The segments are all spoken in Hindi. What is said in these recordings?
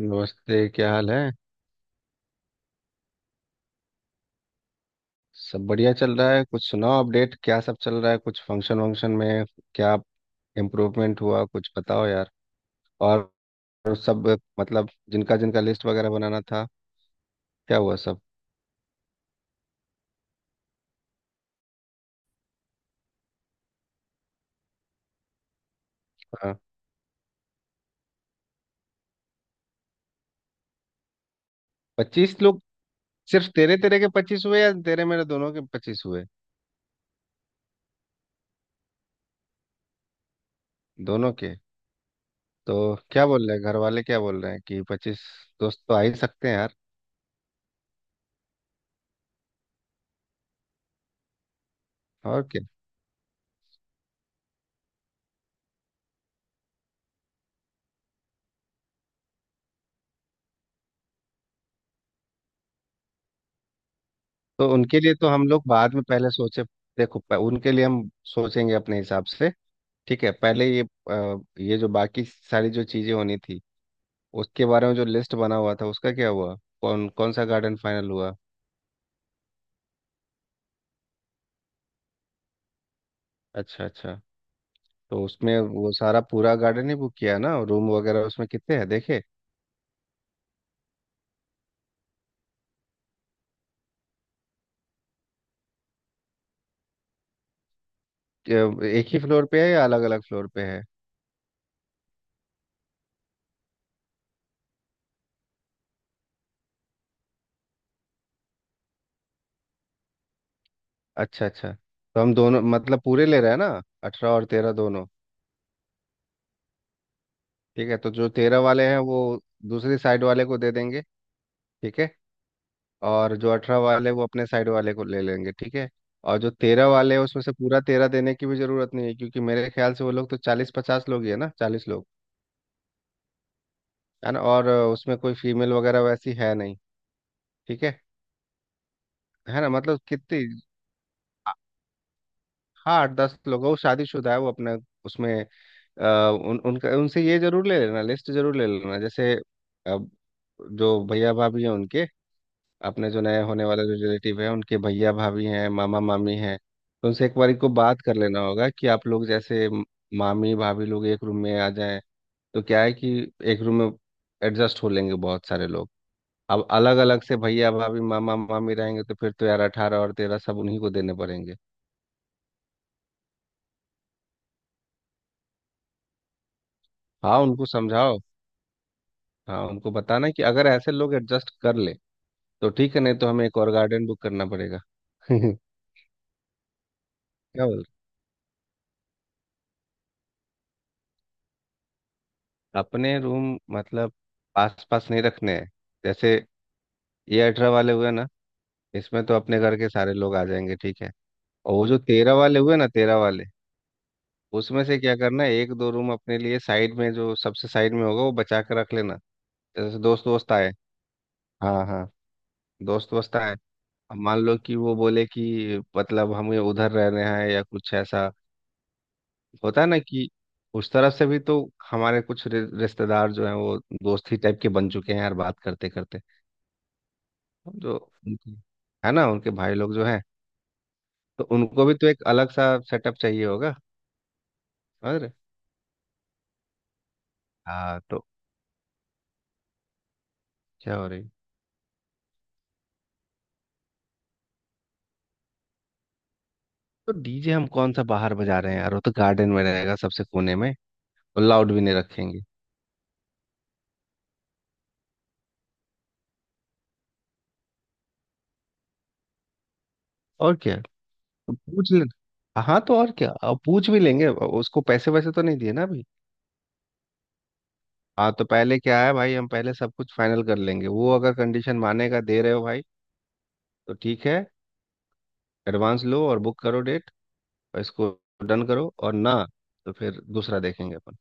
नमस्ते। क्या हाल है? सब बढ़िया चल रहा है। कुछ सुनाओ अपडेट, क्या सब चल रहा है? कुछ फंक्शन वंक्शन में क्या इम्प्रूवमेंट हुआ, कुछ बताओ यार। और सब मतलब जिनका जिनका लिस्ट वगैरह बनाना था, क्या हुआ सब? हाँ, 25 लोग, सिर्फ तेरे तेरे के 25 हुए या तेरे मेरे दोनों के 25 हुए? दोनों के। तो क्या बोल रहे हैं घर वाले, क्या बोल रहे हैं कि 25 दोस्त तो आ ही सकते हैं यार? और क्या, तो उनके लिए तो हम लोग बाद में, पहले सोचे, देखो उनके लिए हम सोचेंगे अपने हिसाब से, ठीक है। पहले ये, ये जो बाकी सारी जो चीज़ें होनी थी उसके बारे में जो लिस्ट बना हुआ था उसका क्या हुआ, कौन कौन सा गार्डन फाइनल हुआ? अच्छा अच्छा। तो उसमें वो सारा पूरा गार्डन ही बुक किया ना, रूम वगैरह उसमें कितने हैं देखे? एक ही फ्लोर पे है या अलग अलग फ्लोर पे है? अच्छा अच्छा। तो हम दोनों मतलब पूरे ले रहे हैं ना, 18 और 13 दोनों? ठीक है। तो जो 13 वाले हैं वो दूसरी साइड वाले को दे देंगे, ठीक है। और जो 18 वाले वो अपने साइड वाले को ले लेंगे, ठीक है। और जो 13 वाले हैं उसमें से पूरा 13 देने की भी जरूरत नहीं है, क्योंकि मेरे ख्याल से वो लोग तो 40-50 लोग ही है ना, 40 लोग। है ना, और उसमें कोई फीमेल वगैरह वैसी है नहीं? ठीक है ना। मतलब कितनी, आ- हाँ, 8-10 लोग हैं, वो शादीशुदा है, वो अपने उसमें, अ, उन उनका उनसे ये जरूर ले लेना, लिस्ट जरूर ले लेना, जैसे अ, जो भैया भाभी हैं उनके, अपने जो नए होने वाले रिलेटिव हैं उनके भैया भाभी हैं, मामा मामी हैं, तो उनसे एक बार को बात कर लेना होगा कि आप लोग जैसे मामी भाभी लोग एक रूम में आ जाएं तो क्या है कि एक रूम में एडजस्ट हो लेंगे बहुत सारे लोग। अब अलग अलग से भैया भाभी मामा मामी रहेंगे तो फिर तो यार 18 और 13 सब उन्हीं को देने पड़ेंगे। हाँ उनको समझाओ, हाँ उनको बताना कि अगर ऐसे लोग एडजस्ट कर ले तो ठीक है, नहीं तो हमें एक और गार्डन बुक करना पड़ेगा। क्या बोल रहे हो, अपने रूम मतलब आस पास नहीं रखने हैं? जैसे ये 18 वाले हुए ना, इसमें तो अपने घर के सारे लोग आ जाएंगे, ठीक है। और वो जो 13 वाले हुए ना, 13 वाले, उसमें से क्या करना है, एक दो रूम अपने लिए साइड में, जो सबसे साइड में होगा वो बचा के रख लेना, जैसे दोस्त वोस्त आए। हाँ हाँ, दोस्त वोस्त आए। अब मान लो कि वो बोले कि मतलब हमें उधर रहने हैं या कुछ ऐसा, होता है ना कि उस तरफ से भी तो हमारे कुछ रिश्तेदार जो हैं वो दोस्त ही टाइप के बन चुके हैं यार बात करते करते, जो उनके, है ना उनके भाई लोग जो हैं, तो उनको भी तो एक अलग सा सेटअप चाहिए होगा। और हाँ तो, क्या हो रही? तो डीजे हम कौन सा बाहर बजा रहे हैं यार, वो तो गार्डन में रहेगा सबसे कोने में, और लाउड भी नहीं रखेंगे और क्या। तो पूछ ले, हाँ तो और क्या, अब पूछ भी लेंगे। अब उसको पैसे वैसे तो नहीं दिए ना अभी? हाँ तो पहले क्या है भाई, हम पहले सब कुछ फाइनल कर लेंगे, वो अगर कंडीशन मानेगा दे रहे हो भाई तो ठीक है, एडवांस लो और बुक करो डेट, और इसको डन करो, और ना तो फिर दूसरा देखेंगे अपन।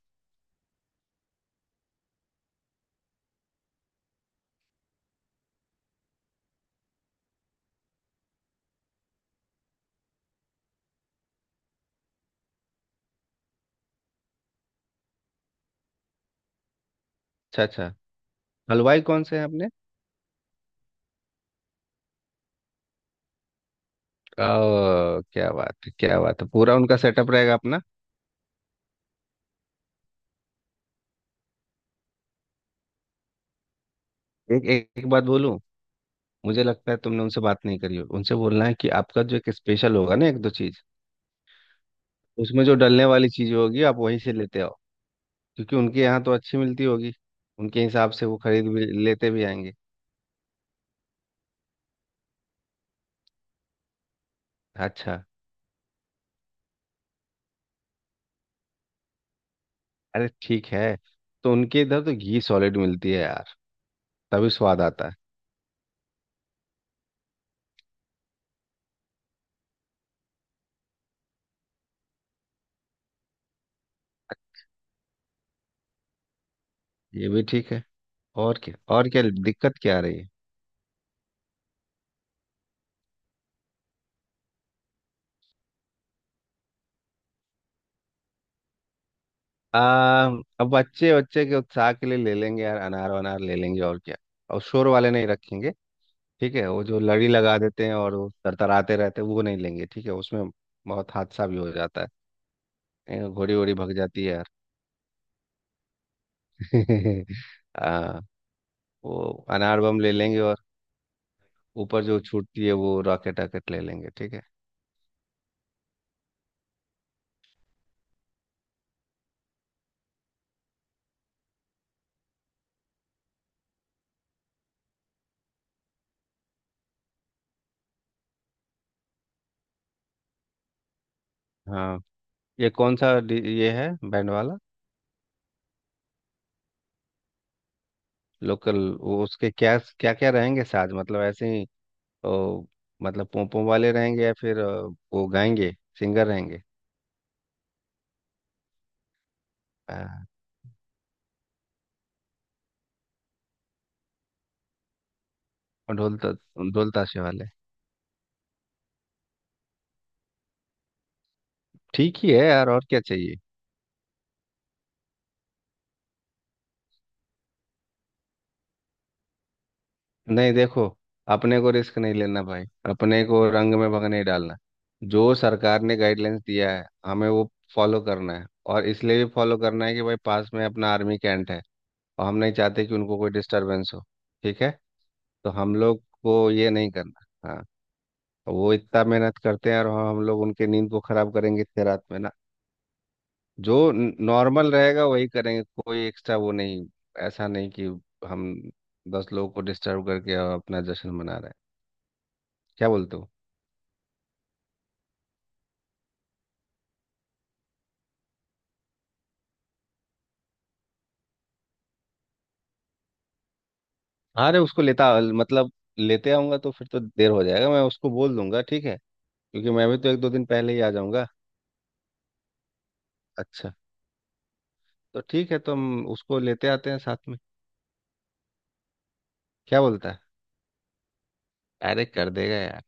अच्छा अच्छा, हलवाई कौन से हैं अपने? ओ, क्या बात है, क्या बात है, पूरा उनका सेटअप रहेगा अपना। एक एक, एक बात बोलूं, मुझे लगता है तुमने उनसे बात नहीं करी हो, उनसे बोलना है कि आपका जो एक स्पेशल होगा ना, एक दो चीज, उसमें जो डलने वाली चीज होगी आप वहीं से लेते आओ, क्योंकि उनके यहाँ तो अच्छी मिलती होगी, उनके हिसाब से वो खरीद भी लेते भी आएंगे। अच्छा, अरे ठीक है। तो उनके इधर तो घी सॉलिड मिलती है यार, तभी स्वाद आता है। ये भी ठीक है। और क्या, और क्या दिक्कत क्या आ रही है? आ, अब बच्चे बच्चे के उत्साह के लिए ले लेंगे यार, अनार वनार ले लेंगे और क्या, और शोर वाले नहीं रखेंगे, ठीक है। वो जो लड़ी लगा देते हैं और वो तरतराते रहते हैं वो नहीं लेंगे, ठीक है, उसमें बहुत हादसा भी हो जाता है। घोड़ी वोड़ी भग जाती है यार। आ, वो अनार बम ले लेंगे, और ऊपर जो छूटती है वो रॉकेट रॉकेट ले लेंगे, ठीक है। हाँ, ये कौन सा ये है बैंड वाला? लोकल, वो उसके क्या क्या क्या रहेंगे, साज मतलब ऐसे, तो मतलब पोंपों वाले रहेंगे या फिर वो गाएंगे, सिंगर रहेंगे? हाँ, और ढोल ढोल ताशे वाले? ठीक ही है यार, और क्या चाहिए। नहीं देखो, अपने को रिस्क नहीं लेना भाई, अपने को रंग में भंग नहीं डालना, जो सरकार ने गाइडलाइंस दिया है हमें वो फॉलो करना है, और इसलिए भी फॉलो करना है कि भाई पास में अपना आर्मी कैंट है, और हम नहीं चाहते कि उनको कोई डिस्टरबेंस हो, ठीक है। तो हम लोग को ये नहीं करना। हाँ, वो इतना मेहनत करते हैं और हम लोग उनके नींद को खराब करेंगे इतने रात में ना। जो नॉर्मल रहेगा वही करेंगे, कोई एक्स्ट्रा वो नहीं, ऐसा नहीं कि हम 10 लोगों को डिस्टर्ब करके अपना जश्न मना रहे हैं, क्या बोलते हो। हाँ, अरे उसको लेता मतलब लेते आऊंगा तो फिर तो देर हो जाएगा, मैं उसको बोल दूंगा ठीक है, क्योंकि मैं भी तो एक दो दिन पहले ही आ जाऊंगा। अच्छा, तो ठीक है, तो हम उसको लेते आते हैं साथ में। क्या बोलता है, अरे कर देगा यार,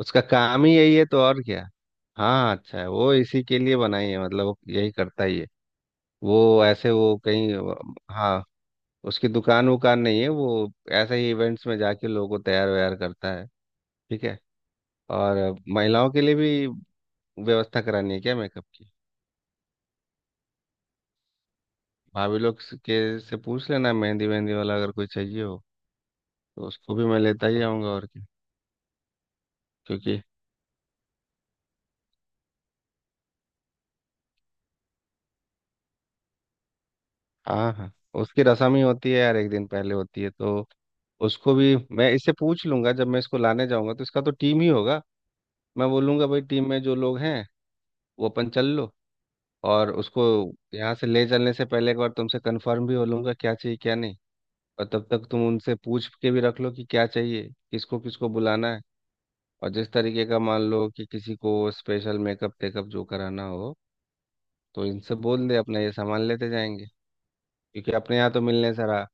उसका काम ही यही है तो, और क्या। हाँ अच्छा है, वो इसी के लिए बनाई है, मतलब वो यही करता ही है, वो ऐसे वो कहीं, हाँ उसकी दुकान वुकान नहीं है, वो ऐसे ही इवेंट्स में जाके लोगों को तैयार वैयार करता है, ठीक है। और महिलाओं के लिए भी व्यवस्था करानी है क्या, मेकअप की? भाभी लोग के से पूछ लेना, मेहंदी वेहंदी वाला अगर कोई चाहिए हो तो उसको भी मैं लेता ही आऊँगा, और क्या, क्योंकि। हाँ हाँ, उसकी रसम ही होती है यार, एक दिन पहले होती है, तो उसको भी मैं इससे पूछ लूंगा जब मैं इसको लाने जाऊंगा, तो इसका तो टीम ही होगा, मैं बोलूंगा भाई टीम में जो लोग हैं वो अपन चल लो। और उसको यहाँ से ले चलने से पहले एक बार तुमसे कंफर्म भी हो लूंगा क्या चाहिए क्या नहीं, और तब तक तुम उनसे पूछ के भी रख लो कि क्या चाहिए, किसको किसको बुलाना है, और जिस तरीके का मान लो कि किसी को स्पेशल मेकअप टेकअप जो कराना हो, तो इनसे बोल दे अपना ये सामान लेते जाएंगे, क्योंकि अपने यहाँ तो मिलने सारा।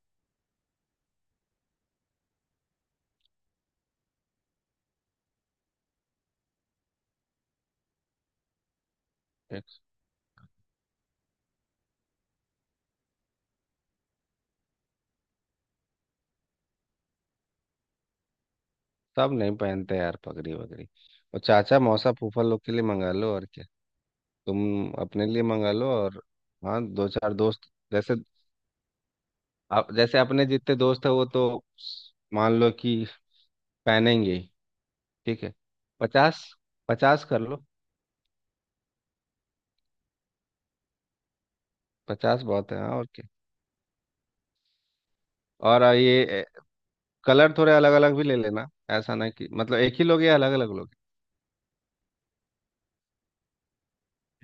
सब नहीं पहनते यार पगड़ी वगड़ी, और चाचा मौसा फूफा लोग के लिए मंगा लो और क्या, तुम अपने लिए मंगा लो, और हाँ दो चार दोस्त जैसे, आप जैसे अपने जितने दोस्त है वो तो, मान लो कि, पहनेंगे ही, ठीक है। 50, 50 कर लो, 50 बहुत है, हाँ, और क्या। और ये कलर थोड़े अलग अलग भी ले लेना, ऐसा ना कि, मतलब एक ही लोगे या अलग अलग लोगे?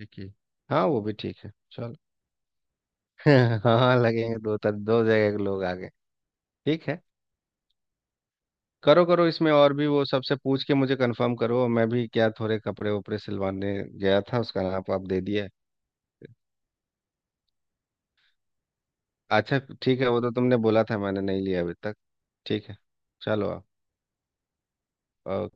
एक ही, हाँ वो भी ठीक है चलो। हाँ लगेंगे दो तर दो जगह के लोग आगे। ठीक है, करो करो, इसमें और भी वो सबसे पूछ के मुझे कंफर्म करो, मैं भी क्या थोड़े कपड़े वपड़े सिलवाने गया था, उसका नाप आप दे दिया है। अच्छा ठीक है, वो तो तुमने बोला था, मैंने नहीं लिया अभी तक, ठीक है चलो आप अ,